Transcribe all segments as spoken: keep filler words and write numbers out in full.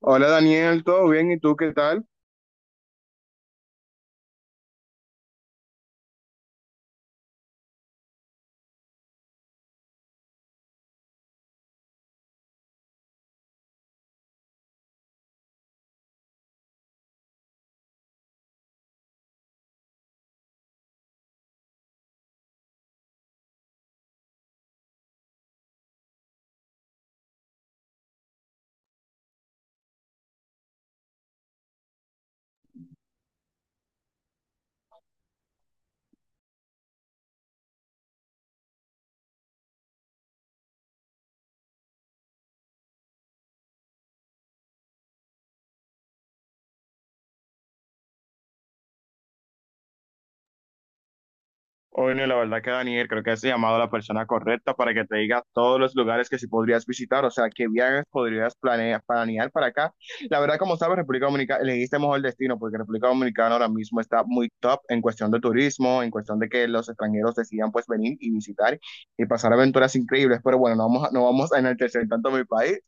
Hola Daniel, ¿todo bien? ¿Y tú qué tal? Bueno, la verdad que Daniel, creo que has llamado a la persona correcta para que te diga todos los lugares que sí podrías visitar, o sea, qué viajes podrías planear, planear para acá. La verdad, como sabes, República Dominicana, elegiste mejor destino porque República Dominicana ahora mismo está muy top en cuestión de turismo, en cuestión de que los extranjeros decidan pues venir y visitar y pasar aventuras increíbles, pero bueno, no vamos, a- no vamos a enaltecer tanto mi país.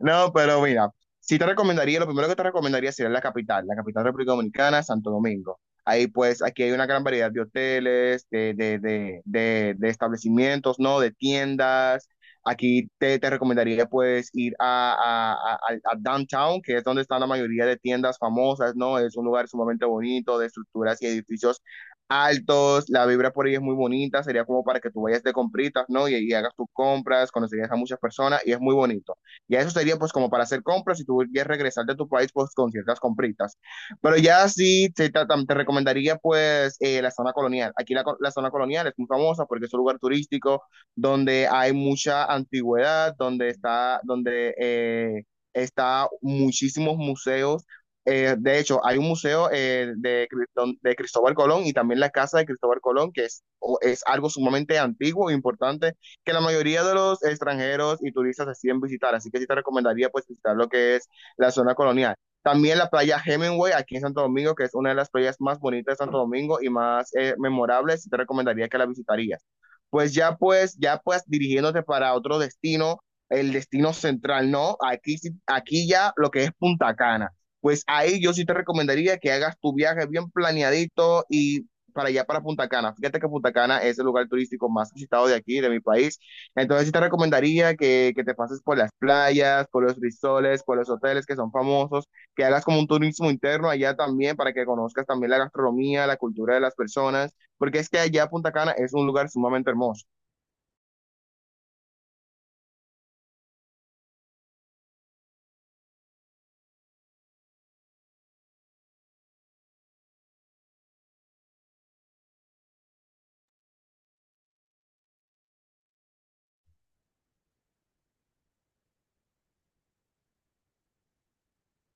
No, pero mira, sí te recomendaría, lo primero que te recomendaría sería la capital, la capital de República Dominicana, Santo Domingo. Ahí pues aquí hay una gran variedad de hoteles, de, de, de, de, de establecimientos, ¿no? De tiendas. Aquí te, te recomendaría pues ir a, a, a, a Downtown, que es donde están la mayoría de tiendas famosas, ¿no? Es un lugar sumamente bonito, de estructuras y edificios altos, la vibra por ahí es muy bonita, sería como para que tú vayas de compritas, ¿no? Y, y, hagas tus compras, conocerías a muchas personas y es muy bonito. Y eso sería pues como para hacer compras y tú quieres regresar de tu país pues con ciertas compritas. Pero ya sí, te, te- te recomendaría pues eh, la zona colonial. Aquí la, co- la zona colonial es muy famosa porque es un lugar turístico donde hay mucha antigüedad, donde está, donde eh, está muchísimos museos. Eh, de hecho, hay un museo eh, de, Cri- don- de Cristóbal Colón y también la casa de Cristóbal Colón, que es, o- es algo sumamente antiguo e importante que la mayoría de los extranjeros y turistas deciden visitar. Así que sí te recomendaría pues visitar lo que es la zona colonial. También la playa Hemingway aquí en Santo Domingo, que es una de las playas más bonitas de Santo Domingo y más eh, memorables, te recomendaría que la visitarías. Pues ya pues, ya pues dirigiéndote para otro destino, el destino central, ¿no? Aquí, sí- aquí ya lo que es Punta Cana. Pues ahí yo sí te recomendaría que hagas tu viaje bien planeadito y para allá, para Punta Cana. Fíjate que Punta Cana es el lugar turístico más visitado de aquí, de mi país. Entonces sí te recomendaría que, que te pases por las playas, por los risoles, por los hoteles que son famosos, que hagas como un turismo interno allá también para que conozcas también la gastronomía, la cultura de las personas, porque es que allá Punta Cana es un lugar sumamente hermoso.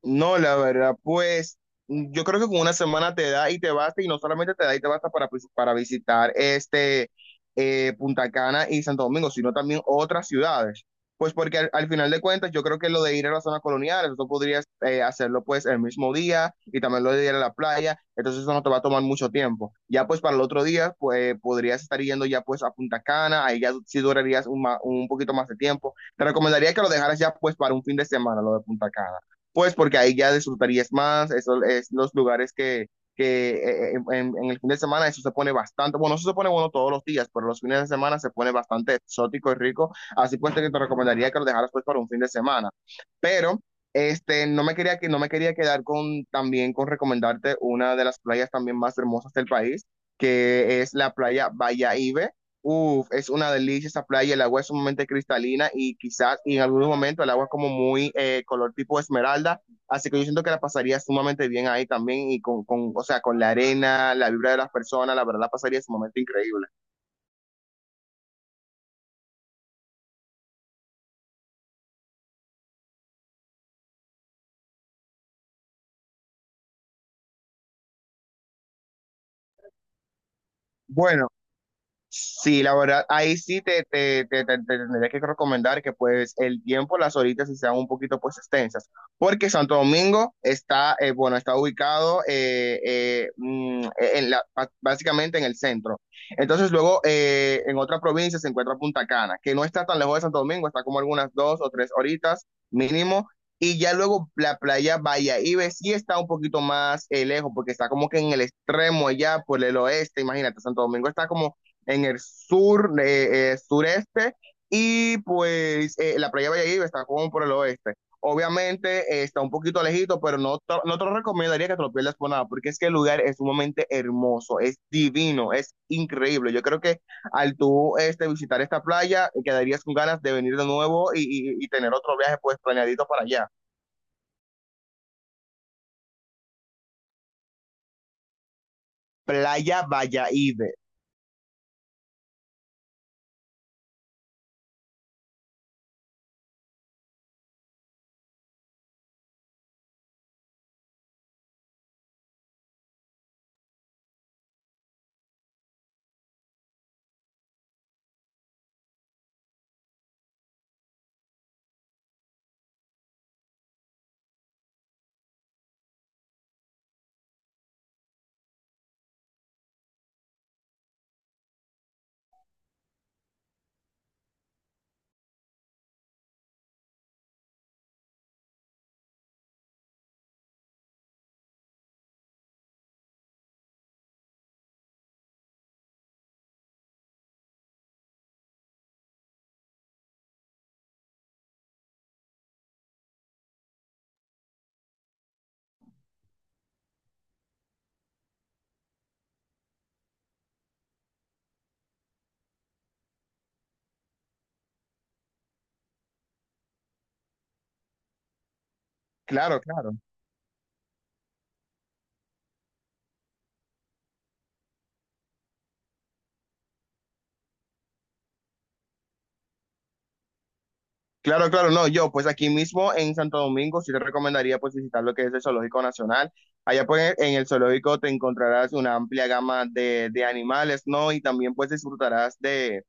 No, la verdad, pues mm, yo creo que con una semana te da y te basta, y no solamente te da y te basta para, pues, para visitar este eh, Punta Cana y Santo Domingo, sino también otras ciudades. Pues porque al, al final de cuentas yo creo que lo de ir a las zonas coloniales eso podrías eh, hacerlo pues el mismo día y también lo de ir a la playa, entonces eso no te va a tomar mucho tiempo. Ya pues para el otro día, pues eh, podrías estar yendo ya pues a Punta Cana, ahí ya sí durarías un, ma- un poquito más de tiempo. Te recomendaría que lo dejaras ya pues para un fin de semana, lo de Punta Cana pues porque ahí ya disfrutarías más, eso es los lugares que, que eh, eh, en, en en el fin de semana eso se pone bastante, bueno, eso se pone bueno todos los días, pero los fines de semana se pone bastante exótico y rico, así pues te, te recomendaría que lo dejaras pues para un fin de semana, pero... Este, no me quería que no me quería quedar con también con recomendarte una de las playas también más hermosas del país, que es la playa Bahía Ibe. Uf, es una delicia esa playa, el agua es sumamente cristalina y quizás y en algunos momentos el agua es como muy eh, color tipo esmeralda, así que yo siento que la pasaría sumamente bien ahí también y con, con, o sea, con la arena, la vibra de las personas, la verdad la pasaría sumamente increíble. Bueno. Sí, la verdad, ahí sí te, te, te, te- te tendría que recomendar que pues el tiempo, las horitas sí sean un poquito pues extensas, porque Santo Domingo está, eh, bueno, está ubicado eh, eh, mm, e, en la, ba- básicamente en el centro. Entonces luego eh, en otra provincia se encuentra Punta Cana, que no está tan lejos de Santo Domingo, está como algunas dos o tres horitas mínimo. Y ya luego la playa Ibe sí está un poquito más eh, lejos, porque está como que en el extremo allá por el oeste, imagínate, Santo Domingo está como en el sur, eh, eh, sureste, y pues eh, la playa de Valladolid está como por el oeste. Obviamente eh, está un poquito lejito, pero no, to- no te lo recomendaría que te lo pierdas por nada, porque es que el lugar es sumamente hermoso, es divino, es increíble. Yo creo que al tú este, visitar esta playa, quedarías con ganas de venir de nuevo y, y- y tener otro viaje pues planeadito para allá. Playa Valladolid, claro, claro. Claro, claro, no, yo pues aquí mismo en Santo Domingo sí te recomendaría pues visitar lo que es el Zoológico Nacional. Allá pues en el zoológico te encontrarás una amplia gama de, de animales, ¿no? Y también pues disfrutarás de,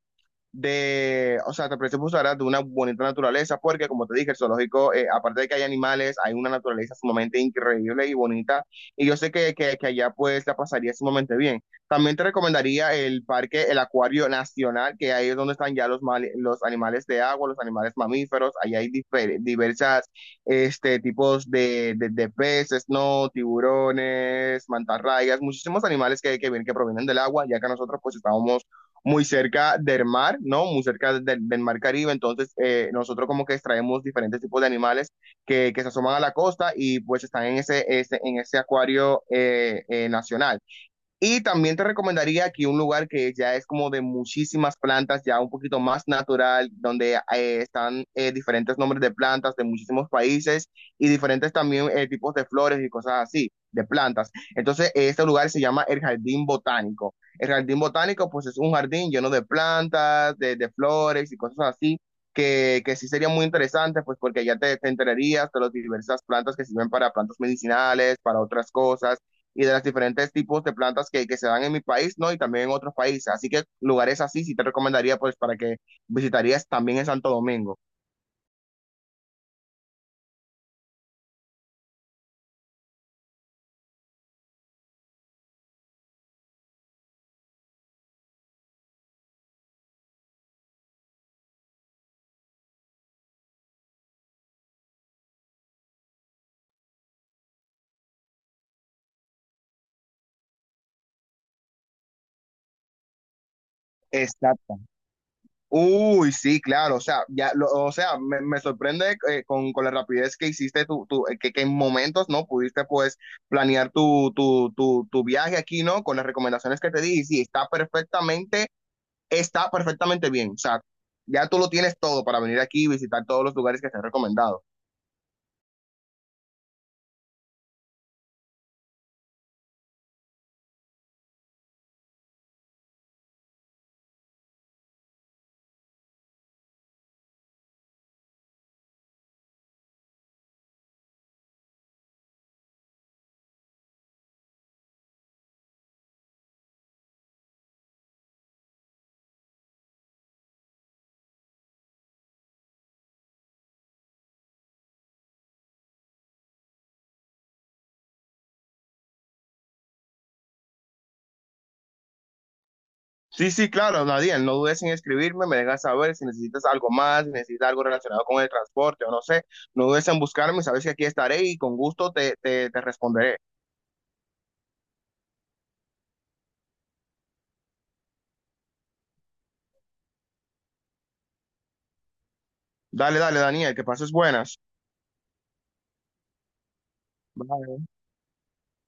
de, o sea, te ofrece de una bonita naturaleza, porque como te dije, el zoológico, eh, aparte de que hay animales, hay una naturaleza sumamente increíble y bonita, y yo sé que, que, que allá pues la pasaría sumamente bien. También te recomendaría el parque, el acuario nacional, que ahí es donde están ya los, mal- los animales de agua, los animales mamíferos, ahí hay difer- diversas este, tipos de, de, de peces, ¿no? Tiburones, mantarrayas, muchísimos animales que, que, vienen- que provienen del agua, ya que nosotros pues estábamos muy cerca del mar, ¿no? Muy cerca del, del mar Caribe. Entonces, eh, nosotros como que extraemos diferentes tipos de animales que, que se asoman a la costa y pues están en ese, ese- en ese acuario eh, eh, nacional. Y también te recomendaría aquí un lugar que ya es como de muchísimas plantas, ya un poquito más natural, donde eh, están eh, diferentes nombres de plantas de muchísimos países y diferentes también eh, tipos de flores y cosas así, de plantas. Entonces, eh, este lugar se llama el Jardín Botánico. El Jardín Botánico, pues es un jardín lleno de plantas, de, de flores y cosas así, que, que sí sería muy interesante, pues porque ya te, te enterarías de las diversas plantas que sirven para plantas medicinales, para otras cosas y de los diferentes tipos de plantas que, que se dan en mi país, ¿no? Y también en otros países. Así que lugares así sí te recomendaría, pues, para que visitarías también en Santo Domingo. Exacto. Uy, sí, claro, o sea, ya, lo- o sea, me, me sorprende eh, con, con la rapidez que hiciste tu, tu- eh, que, que en momentos, ¿no? Pudiste, pues, planear tu, tu, tu, tu viaje aquí, ¿no? Con las recomendaciones que te di, y sí, está perfectamente, está perfectamente bien, o sea, ya tú lo tienes todo para venir aquí y visitar todos los lugares que te he recomendado. Sí, sí, claro, Nadine, no dudes en escribirme, me dejas saber si necesitas algo más, si necesitas algo relacionado con el transporte o no sé, no dudes en buscarme, sabes que aquí estaré y con gusto te, te, te responderé. Dale, dale, Daniel, que pases buenas. Bye.